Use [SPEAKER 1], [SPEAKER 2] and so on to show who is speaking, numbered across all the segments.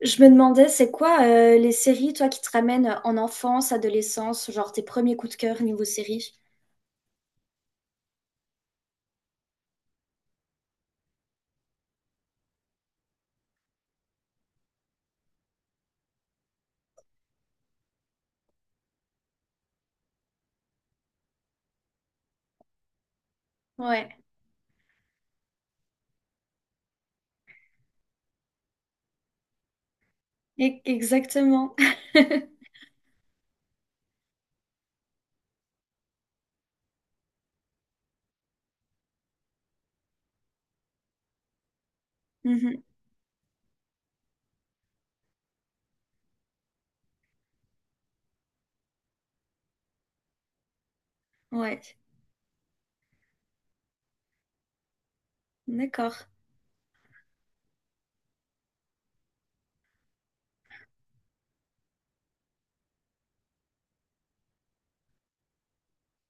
[SPEAKER 1] Je me demandais, c'est quoi les séries, toi, qui te ramènent en enfance, adolescence, genre tes premiers coups de cœur niveau série? Ouais, exactement. Mhm, Ouais, d'accord.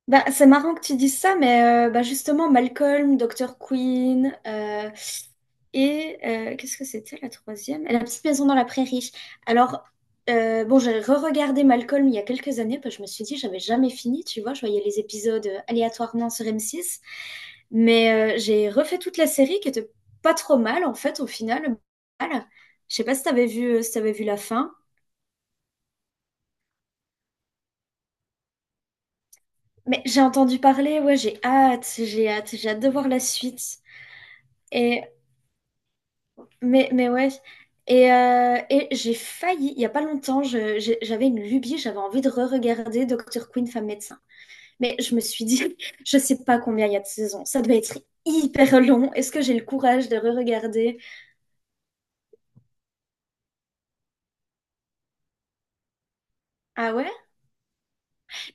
[SPEAKER 1] Bah, c'est marrant que tu dises ça, mais bah, justement, Malcolm, Dr. Queen, et qu'est-ce que c'était la troisième? La petite maison dans la prairie. Alors, bon, j'ai re-regardé Malcolm il y a quelques années, parce que je me suis dit, j'avais jamais fini, tu vois, je voyais les épisodes aléatoirement sur M6. Mais j'ai refait toute la série qui était pas trop mal en fait au final. Mal. Je sais pas si t'avais vu, si t'avais vu la fin, mais j'ai entendu parler. Ouais, j'ai hâte, j'ai hâte, j'ai hâte de voir la suite. Et mais ouais. Et j'ai failli, il y a pas longtemps, j'avais une lubie, j'avais envie de re-regarder Dr. Quinn, femme médecin. Mais je me suis dit, je sais pas combien il y a de saisons, ça doit être hyper long. Est-ce que j'ai le courage de re-regarder? Ah ouais?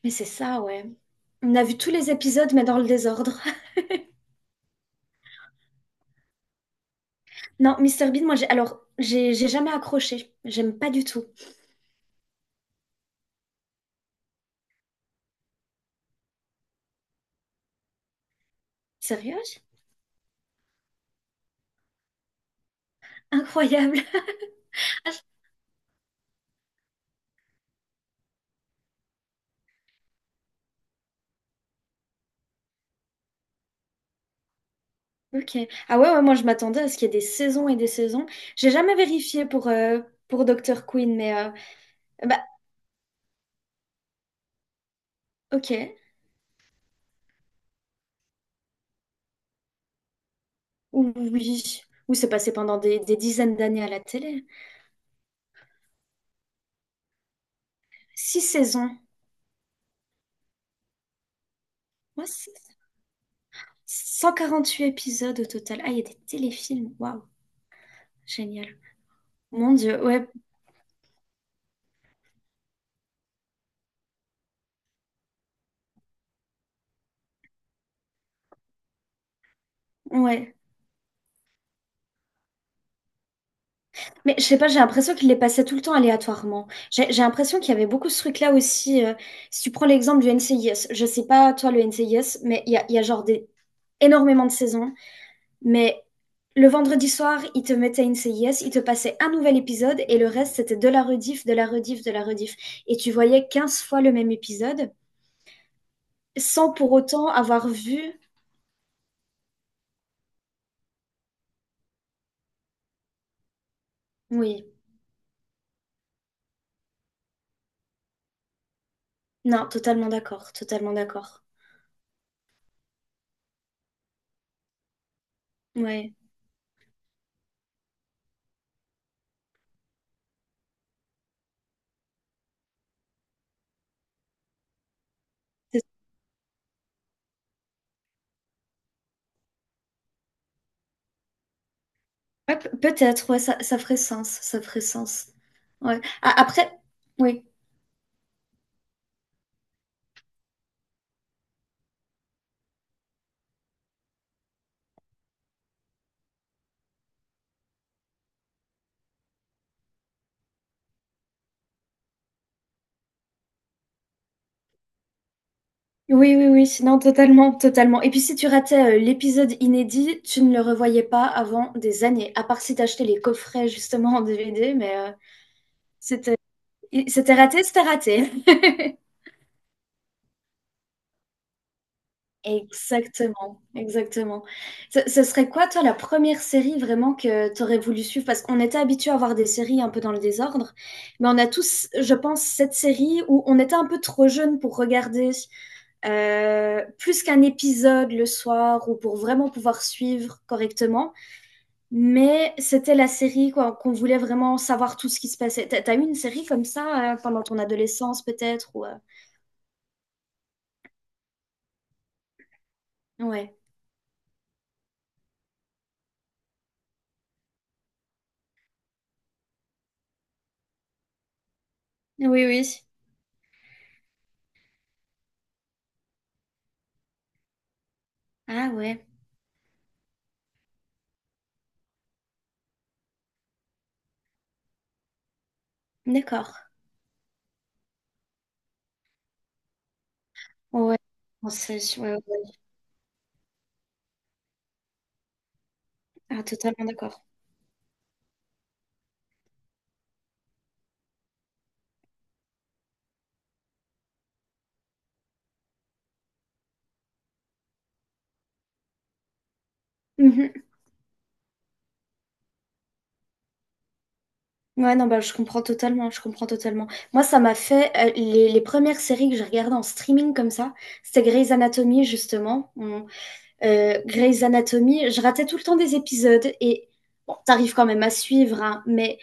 [SPEAKER 1] Mais c'est ça, ouais. On a vu tous les épisodes, mais dans le désordre. Non, Mister Bean, moi, j'ai... Alors, j'ai jamais accroché. J'aime pas du tout. Sérieux? Incroyable. Ok. Ah ouais, ouais, moi, je m'attendais à ce qu'il y ait des saisons et des saisons. J'ai jamais vérifié pour Dr. Queen, mais... bah, ok. Oui. Ou c'est passé pendant des dizaines d'années à la télé. Six saisons. Moi, c'est huit épisodes au total. Ah, il y a des téléfilms. Waouh, génial. Mon Dieu, ouais, ouais. Mais je sais pas, j'ai l'impression qu'il les passait tout le temps aléatoirement. J'ai l'impression qu'il y avait beaucoup ce truc-là aussi. Si tu prends l'exemple du NCIS, je sais pas toi le NCIS, mais il y a genre énormément de saisons. Mais le vendredi soir, ils te mettaient NCIS, ils te passaient un nouvel épisode et le reste c'était de la rediff, de la rediff, de la rediff. Et tu voyais 15 fois le même épisode sans pour autant avoir vu. Oui, non, totalement d'accord, totalement d'accord. Ouais. Ouais, peut-être, ouais, ça ferait sens, ça ferait sens. Ouais. Après, oui, oui, oui, oui, non, totalement, totalement. Et puis si tu ratais l'épisode inédit, tu ne le revoyais pas avant des années, à part si t'achetais les coffrets justement en DVD, mais c'était, c'était raté, c'était raté. Exactement, exactement. Ce serait quoi, toi, la première série vraiment que tu aurais voulu suivre? Parce qu'on était habitué à voir des séries un peu dans le désordre, mais on a tous, je pense, cette série où on était un peu trop jeune pour regarder plus qu'un épisode le soir ou pour vraiment pouvoir suivre correctement. Mais c'était la série quoi, qu'on voulait vraiment savoir tout ce qui se passait. T'as eu une série comme ça pendant ton adolescence peut-être ou, Ouais. Oui, oui. Ah ouais, d'accord. Ouais, française, ouais, ouais. ouais. Ah, totalement d'accord. Mhm. Ouais, non, bah, je comprends totalement, je comprends totalement. Moi, ça m'a fait, les premières séries que j'ai regardées en streaming comme ça, c'était Grey's Anatomy, justement. Grey's Anatomy, je ratais tout le temps des épisodes et bon, t'arrives quand même à suivre, hein, mais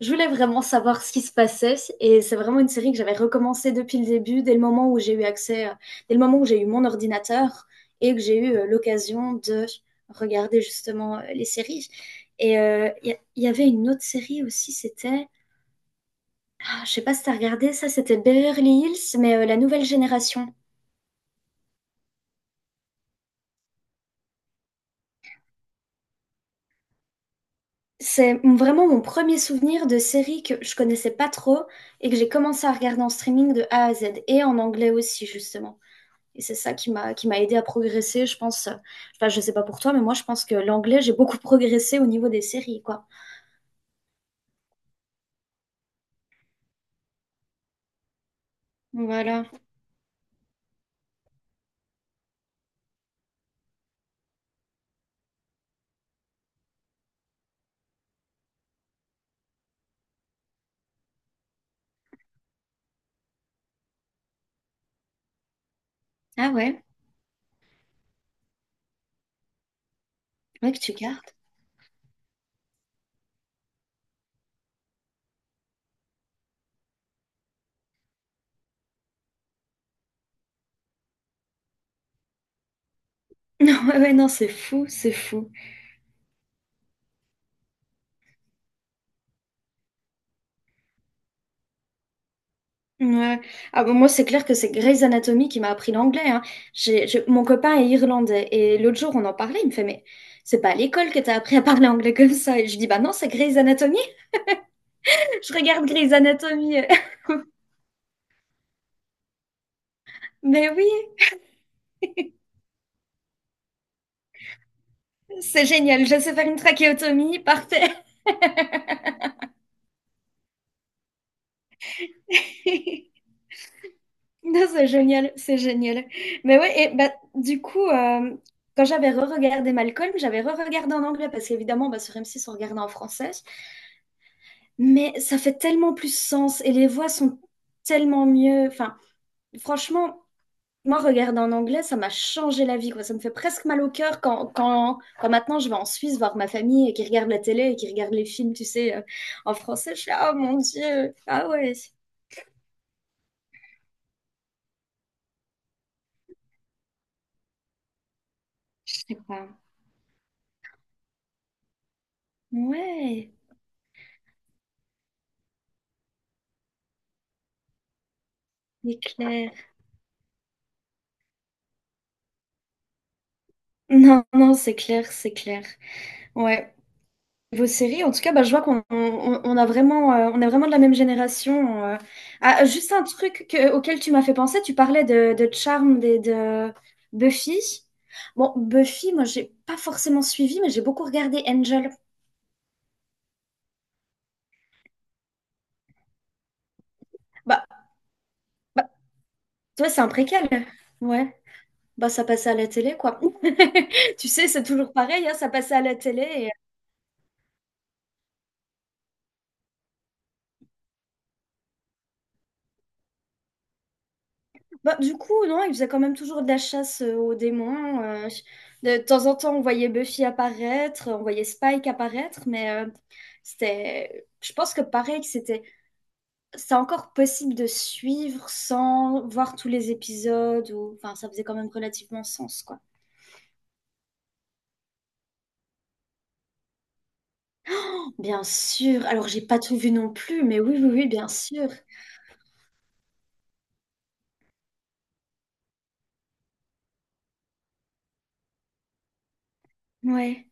[SPEAKER 1] je voulais vraiment savoir ce qui se passait et c'est vraiment une série que j'avais recommencé depuis le début, dès le moment où j'ai eu accès, dès le moment où j'ai eu mon ordinateur et que j'ai eu l'occasion de regarder justement les séries. Et il y avait une autre série aussi, c'était, ah, je sais pas si t'as regardé ça, c'était Beverly Hills, mais la nouvelle génération. C'est vraiment mon premier souvenir de série que je connaissais pas trop et que j'ai commencé à regarder en streaming de A à Z et en anglais aussi justement. Et c'est ça qui m'a aidé à progresser, je pense. Enfin, je sais pas pour toi, mais moi, je pense que l'anglais, j'ai beaucoup progressé au niveau des séries, quoi. Voilà. Ah ouais. Ouais, que tu gardes. Non, ouais, ouais, non, c'est fou, c'est fou. Ouais. Ah bon, moi, c'est clair que c'est Grey's Anatomy qui m'a appris l'anglais, hein. Mon copain est irlandais et l'autre jour, on en parlait, il me fait, mais c'est pas à l'école que t'as appris à parler anglais comme ça. Et je dis, bah non, c'est Grey's Anatomy. Je regarde Grey's Anatomy. Mais oui, c'est génial. Je sais faire une trachéotomie, parfait. Non, c'est génial, c'est génial. Mais ouais, et bah, du coup, quand j'avais re-regardé Malcolm, j'avais re-regardé en anglais parce qu'évidemment, bah, sur M6, on regardait en français. Mais ça fait tellement plus sens et les voix sont tellement mieux. Enfin, franchement, moi, regarder en anglais, ça m'a changé la vie, quoi. Ça me fait presque mal au cœur quand, maintenant je vais en Suisse voir ma famille et qui regarde la télé et qui regarde les films, tu sais, en français. Je suis là, oh mon Dieu, ah ouais, je sais pas. Ouais, c'est clair. Non, non, c'est clair, c'est clair. Ouais. Vos séries, en tout cas, bah, je vois qu'on on a vraiment, on est vraiment de la même génération. Ah, juste un truc auquel tu m'as fait penser, tu parlais de Charmed et de Buffy. Bon, Buffy, moi, j'ai pas forcément suivi, mais j'ai beaucoup regardé Angel. Bah, bah, toi, c'est un préquel. Ouais, bah, ça passait à la télé, quoi. Tu sais, c'est toujours pareil, hein, ça passait à la télé. Bah, du coup, non, il faisait quand même toujours de la chasse aux démons. De temps en temps, on voyait Buffy apparaître, on voyait Spike apparaître, mais c'était. Je pense que pareil, que c'était. C'est encore possible de suivre sans voir tous les épisodes, ou. Enfin, ça faisait quand même relativement sens, quoi. Bien sûr. Alors, j'ai pas tout vu non plus, mais oui, oui, oui, bien sûr. Ouais.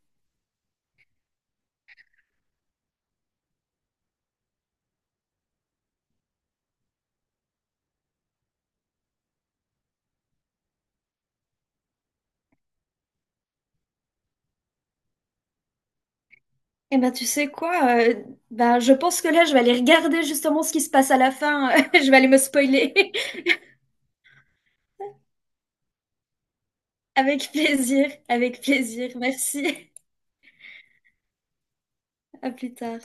[SPEAKER 1] Eh ben, tu sais quoi? euh, ben, je pense que là, je vais aller regarder justement ce qui se passe à la fin. Je vais aller me spoiler. Avec plaisir, avec plaisir. Merci. À plus tard.